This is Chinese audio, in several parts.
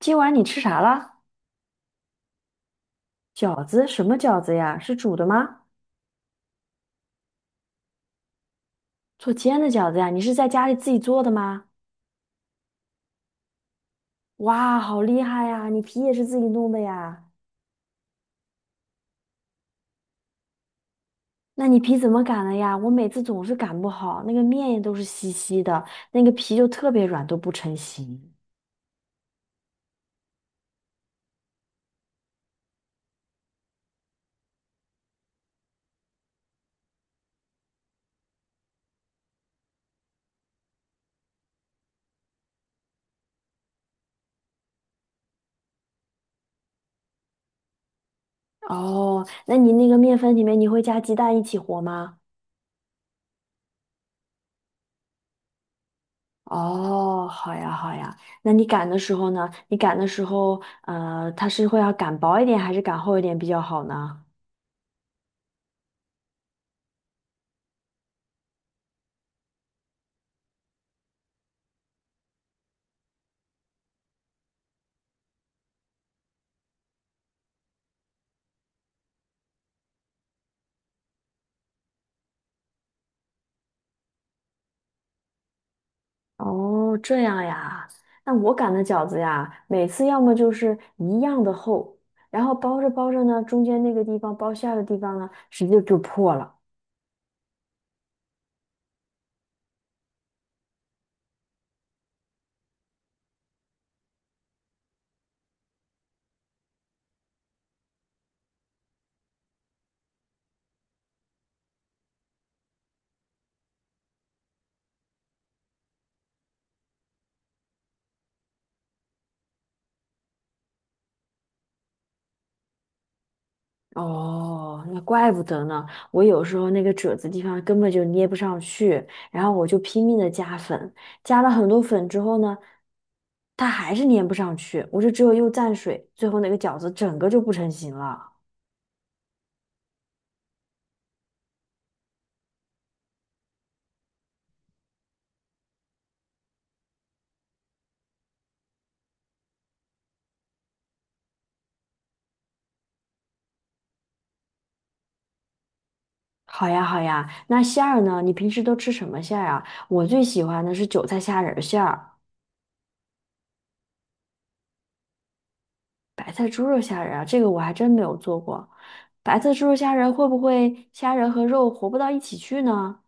今晚你吃啥了？饺子？什么饺子呀？是煮的吗？做煎的饺子呀？你是在家里自己做的吗？哇，好厉害呀！你皮也是自己弄的呀？那你皮怎么擀的呀？我每次总是擀不好，那个面也都是稀稀的，那个皮就特别软，都不成形。哦，那你那个面粉里面你会加鸡蛋一起和吗？哦，好呀，好呀。那你擀的时候呢？你擀的时候，它是会要擀薄一点还是擀厚一点比较好呢？哦，这样呀。那我擀的饺子呀，每次要么就是一样的厚，然后包着包着呢，中间那个地方包馅儿的地方呢，直接就破了。哦，那怪不得呢。我有时候那个褶子地方根本就捏不上去，然后我就拼命的加粉，加了很多粉之后呢，它还是粘不上去，我就只有又蘸水，最后那个饺子整个就不成形了。好呀，好呀。那馅儿呢？你平时都吃什么馅儿啊？我最喜欢的是韭菜虾仁儿馅儿、白菜猪肉虾仁儿啊，这个我还真没有做过。白菜猪肉虾仁儿会不会虾仁和肉活不到一起去呢？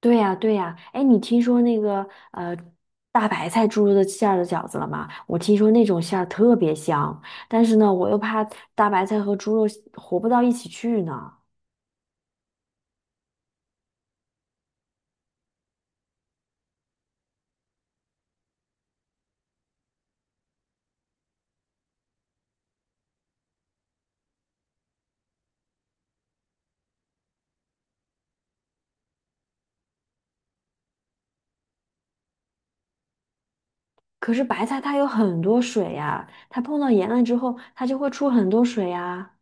对呀，对呀。哎，你听说那个呃大白菜猪肉的馅儿的饺子了吗？我听说那种馅儿特别香，但是呢，我又怕大白菜和猪肉活不到一起去呢。可是白菜它有很多水呀，它碰到盐了之后，它就会出很多水呀。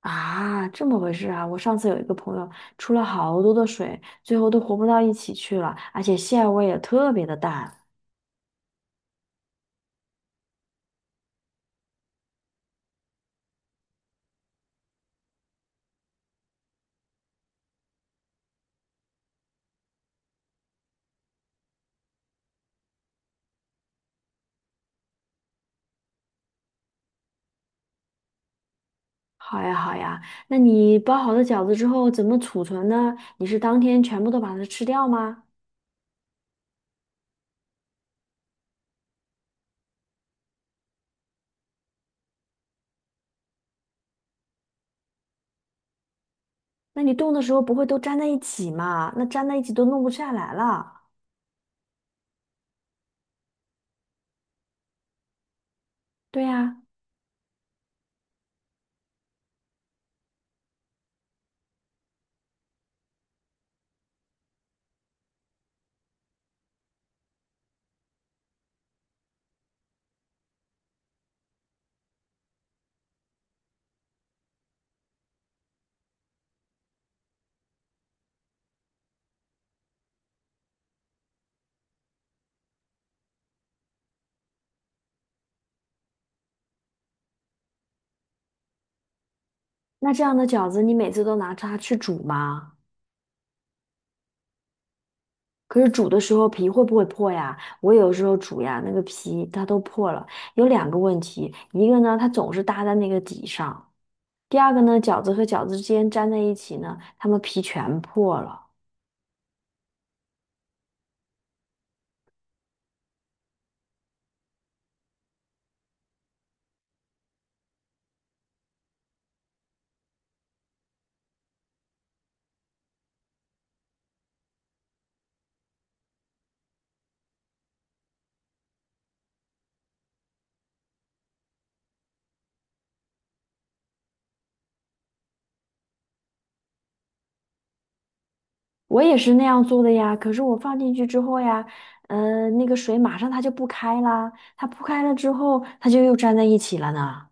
啊，这么回事啊！我上次有一个朋友出了好多的水，最后都活不到一起去了，而且馅味也特别的淡。好呀好呀，那你包好的饺子之后怎么储存呢？你是当天全部都把它吃掉吗？那你冻的时候不会都粘在一起吗？那粘在一起都弄不下来了。对呀，那这样的饺子你每次都拿它去煮吗？可是煮的时候皮会不会破呀？我有时候煮呀，那个皮它都破了。有两个问题，一个呢，它总是搭在那个底上；第二个呢，饺子和饺子之间粘在一起呢，它们皮全破了。我也是那样做的呀，可是我放进去之后呀，那个水马上它就不开啦，它不开了之后，它就又粘在一起了呢。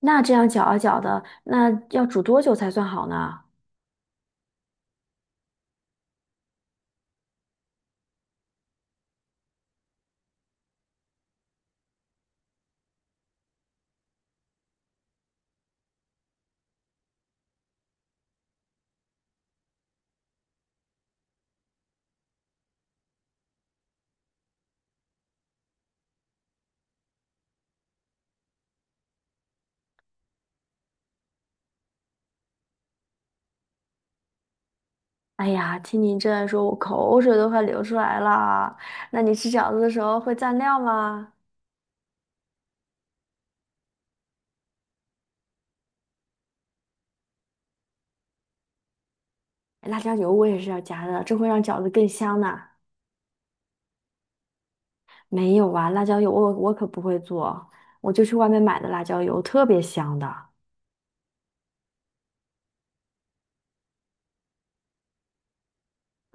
那这样搅啊搅的，那要煮多久才算好呢？哎呀，听你这样说，我口水都快流出来了。那你吃饺子的时候会蘸料吗？哎辣椒油我也是要加的，这会让饺子更香呢。没有啊，辣椒油我可不会做，我就去外面买的辣椒油，特别香的。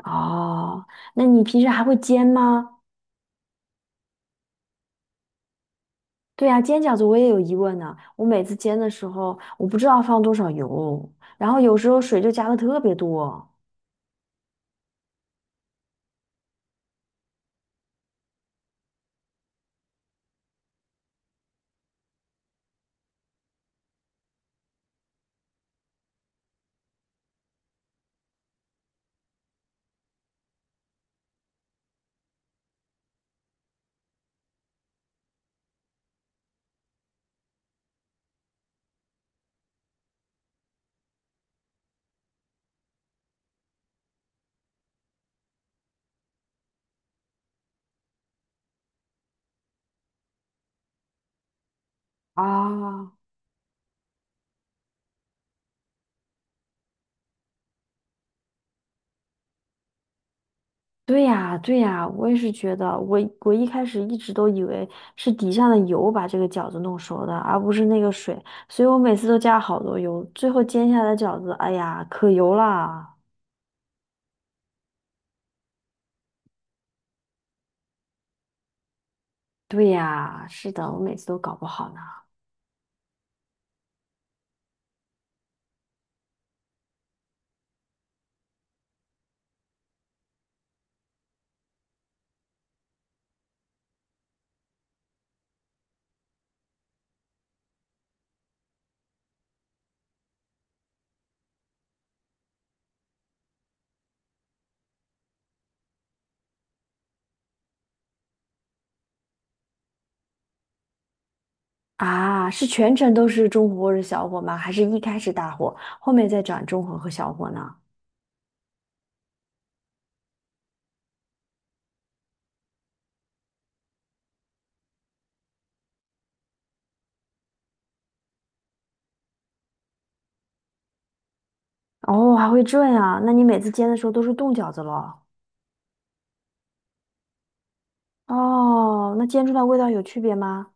哦，那你平时还会煎吗？对呀，煎饺子我也有疑问呢。我每次煎的时候，我不知道放多少油，然后有时候水就加的特别多。啊。对呀，对呀，我也是觉得，我一开始一直都以为是底下的油把这个饺子弄熟的，而不是那个水，所以我每次都加好多油，最后煎下来的饺子，哎呀，可油啦！对呀，是的，我每次都搞不好呢。啊，是全程都是中火或者小火吗？还是一开始大火，后面再转中火和小火呢？哦，还会这样啊？那你每次煎的时候都是冻饺子咯？哦，那煎出来味道有区别吗？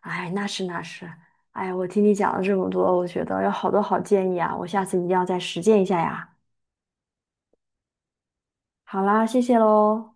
哎，那是那是，哎，我听你讲了这么多，我觉得有好多好建议啊，我下次一定要再实践一下呀。好啦，谢谢喽。